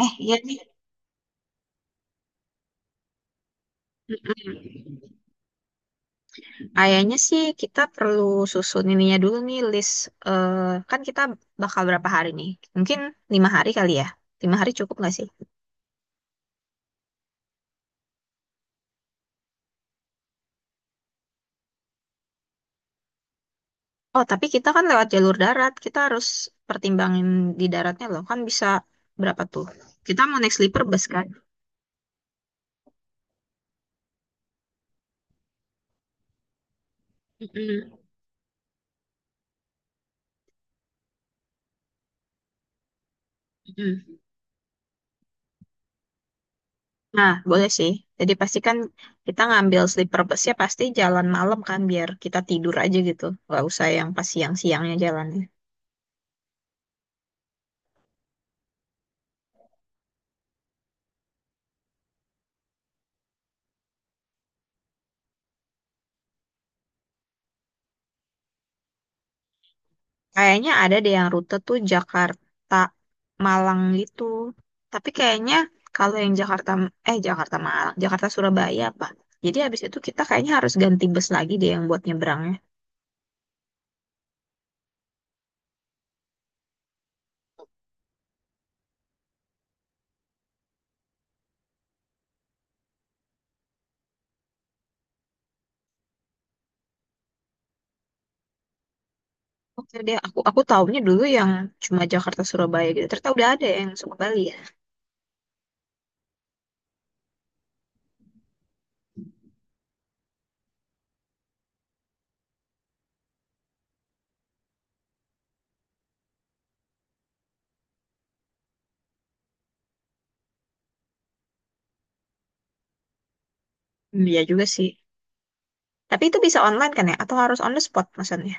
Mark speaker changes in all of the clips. Speaker 1: Iya nih. Mm-mm. Kayaknya sih kita perlu susun ininya dulu nih list. eh kan kita bakal berapa hari nih? Mungkin 5 hari kali ya. 5 hari cukup nggak sih? Oh, tapi kita kan lewat jalur darat. Kita harus pertimbangin di daratnya loh. Kan bisa berapa tuh? Kita mau naik sleeper bus kan? Mm-mm. Mm-mm. Nah, boleh sih. Jadi pastikan kita ngambil sleeper busnya pasti jalan malam kan biar kita tidur aja gitu. Nggak usah yang pas siang-siangnya jalan. Kayaknya ada deh yang rute tuh Jakarta Malang gitu. Tapi kayaknya kalau yang Jakarta Malang, Jakarta Surabaya apa? Jadi habis itu kita kayaknya harus ganti bus lagi deh yang buat nyebrangnya. Oke deh, aku taunya dulu yang cuma Jakarta Surabaya gitu. Ternyata udah ada yang suka Bali ya. Hmm, iya juga sih. Tapi itu bisa online kan ya? Atau harus on the spot maksudnya?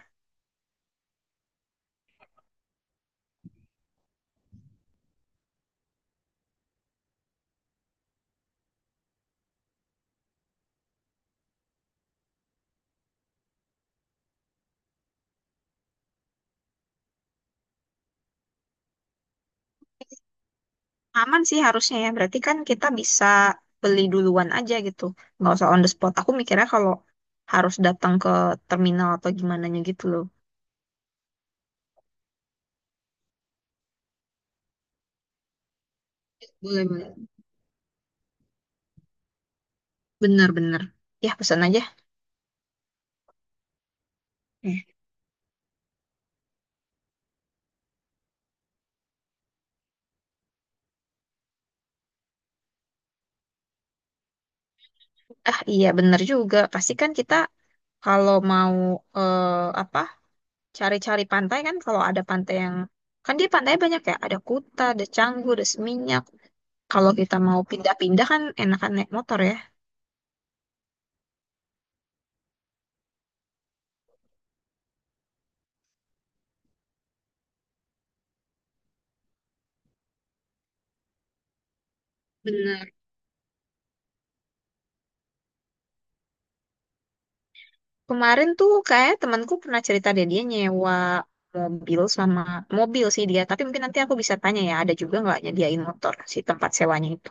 Speaker 1: Aman sih harusnya ya. Berarti kan kita bisa beli duluan aja gitu. Nggak usah on the spot. Aku mikirnya kalau harus datang ke terminal atau gimana gitu loh. Boleh, boleh. Bener-bener. Ya, pesan aja. Eh, Ah, iya bener juga. Pasti kan kita kalau mau eh, apa cari-cari pantai kan kalau ada pantai yang kan dia pantai banyak ya. Ada Kuta, ada Canggu, ada Seminyak. Kalau kita mau pindah-pindah kan enakan naik motor ya. Bener. Kemarin tuh kayak temanku pernah cerita deh dia nyewa mobil sama mobil sih dia. Tapi mungkin nanti aku bisa tanya ya, ada juga nggak nyediain motor si tempat sewanya itu.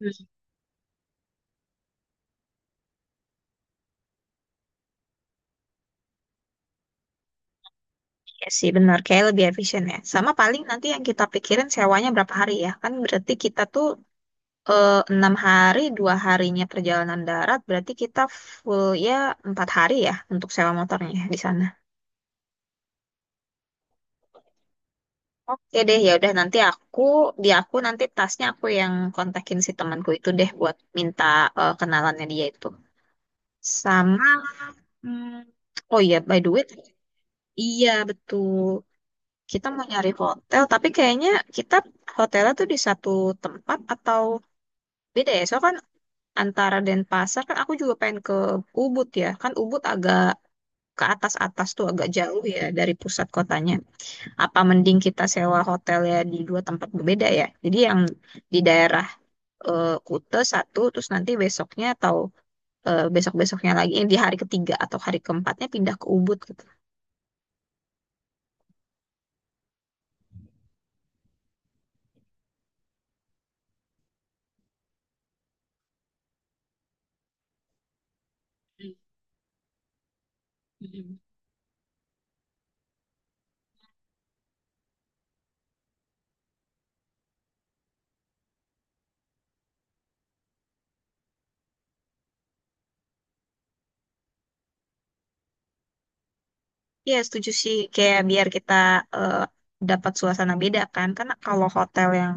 Speaker 1: Hmm. Iya sih benar, kayak lebih efisien ya. Sama paling nanti yang kita pikirin sewanya berapa hari ya. Kan berarti kita tuh 6 hari, 2 harinya perjalanan darat, berarti kita full ya 4 hari ya untuk sewa motornya di sana. Oke deh, ya udah nanti aku di aku nanti tasnya aku yang kontakin si temanku itu deh buat minta kenalannya dia itu. Sama hmm, oh iya by the way, iya betul. Kita mau nyari hotel, tapi kayaknya kita hotelnya tuh di satu tempat atau beda ya? Soalnya kan antara Denpasar kan aku juga pengen ke Ubud ya. Kan Ubud agak ke atas-atas tuh agak jauh ya dari pusat kotanya. Apa mending kita sewa hotel ya di dua tempat berbeda ya? Jadi yang di daerah Kute satu, terus nanti besoknya atau besok-besoknya lagi di hari ketiga atau hari keempatnya pindah ke Ubud gitu. mm Iya setuju sih, kayak biar kita eh, dapat suasana beda kan, karena kalau hotel yang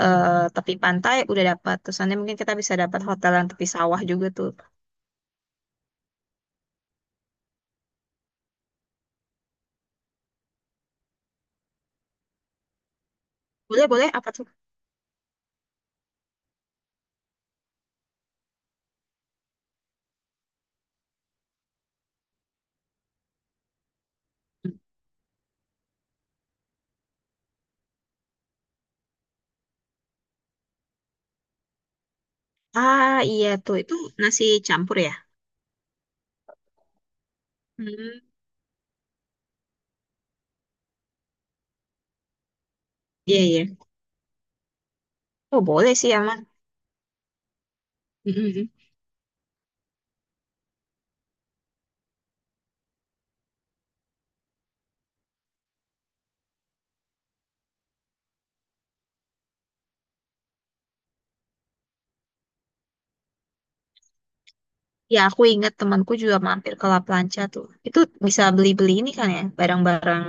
Speaker 1: eh, tepi pantai udah dapat, terus nanti mungkin kita bisa dapat hotel yang tepi sawah juga tuh. Boleh, boleh. Apa tuh? Ah, iya tuh itu nasi campur ya? Hmm, iya iya. Oh, boleh sih aman. Ya, aku ingat temanku juga mampir ke La Plancha tuh. Itu bisa beli-beli ini kan ya, barang-barang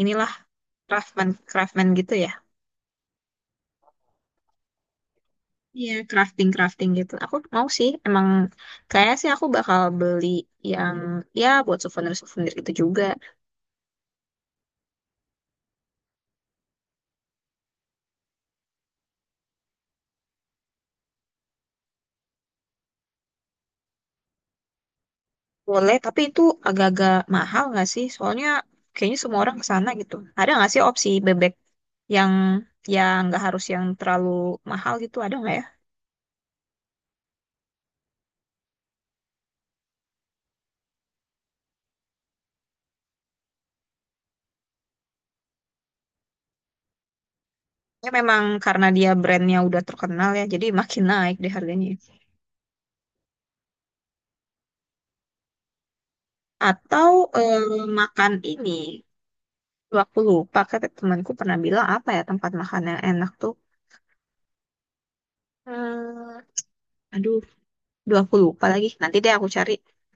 Speaker 1: inilah craftsman craftsman gitu ya. Iya, crafting crafting gitu. Aku mau sih, emang kayak sih aku bakal beli yang ya buat souvenir souvenir gitu juga. Boleh, tapi itu agak-agak mahal nggak sih? Soalnya kayaknya semua orang ke sana gitu. Ada nggak sih opsi bebek yang yang nggak harus yang terlalu mahal gitu? Ada nggak ya? Ya memang karena dia brandnya udah terkenal ya, jadi makin naik deh harganya. Atau eh, makan ini, tuh, aku lupa kata temanku pernah bilang apa ya tempat makan yang enak tuh. Hmm, aduh, duh aku lupa lagi. Nanti deh aku cari.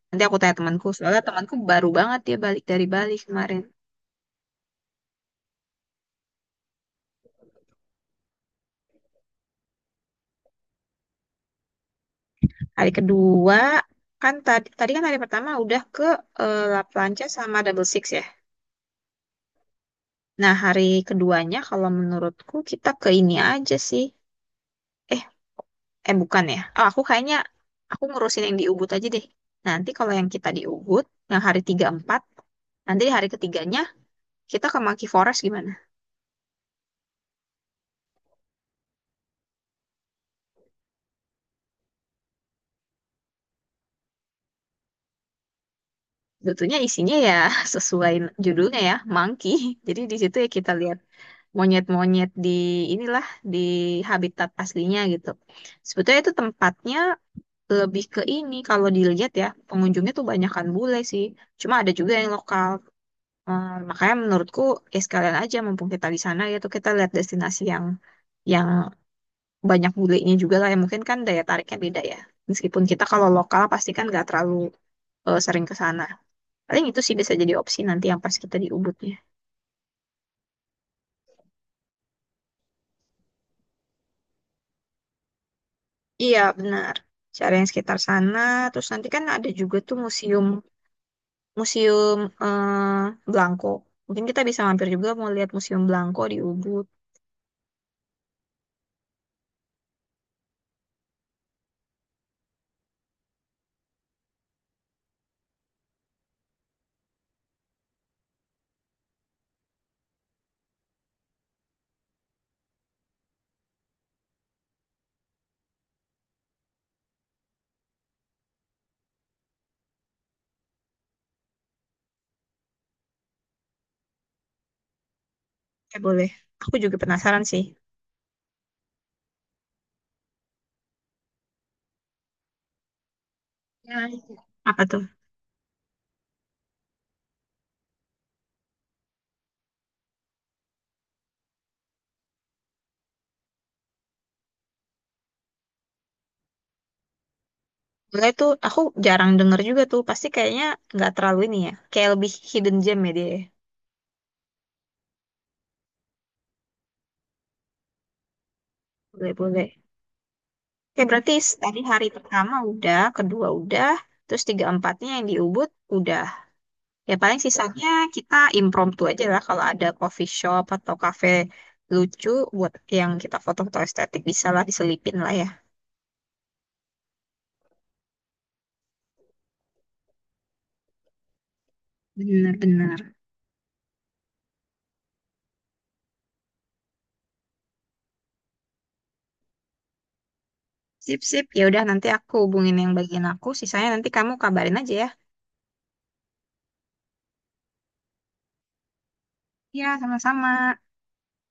Speaker 1: Nanti aku tanya temanku. Soalnya temanku baru banget dia balik dari Bali kemarin. Hari kedua kan tadi tadi kan hari pertama udah ke La Plancha sama Double Six ya. Nah, hari keduanya kalau menurutku kita ke ini aja sih. Eh. Eh, bukan ya. Oh, aku kayaknya aku ngurusin yang di Ubud aja deh. Nanti kalau yang kita di Ubud, yang hari tiga empat nanti di hari ketiganya kita ke Monkey Forest gimana? Tentunya isinya ya sesuai judulnya ya, monkey. Jadi di situ ya kita lihat monyet-monyet di inilah di habitat aslinya gitu. Sebetulnya itu tempatnya lebih ke ini kalau dilihat ya, pengunjungnya tuh banyakan bule sih. Cuma ada juga yang lokal. Makanya menurutku ya sekalian aja mumpung kita di sana ya tuh kita lihat destinasi yang banyak bulenya juga lah ya mungkin kan daya tariknya beda ya. Meskipun kita kalau lokal pasti kan nggak terlalu sering ke sana. Paling itu sih bisa jadi opsi nanti yang pas kita di Ubudnya. Iya benar. Cari yang sekitar sana terus nanti kan ada juga tuh museum museum eh, Blangko. Mungkin kita bisa mampir juga mau lihat museum Blangko di Ubud. Ya, boleh. Aku juga penasaran sih. Ya. Apa tuh? Mulai tuh aku jarang denger juga tuh. Pasti kayaknya nggak terlalu ini ya. Kayak lebih hidden gem ya dia. Ya. Boleh, boleh. Oke, berarti tadi hari pertama udah, kedua udah, terus tiga empatnya yang di Ubud udah. Ya paling sisanya kita impromptu aja lah kalau ada coffee shop atau cafe lucu buat yang kita foto-foto estetik bisa lah diselipin lah ya. Bener-bener. Sip-sip. Ya udah nanti aku hubungin yang bagian aku, sisanya nanti kamu kabarin aja ya. Ya, sama-sama.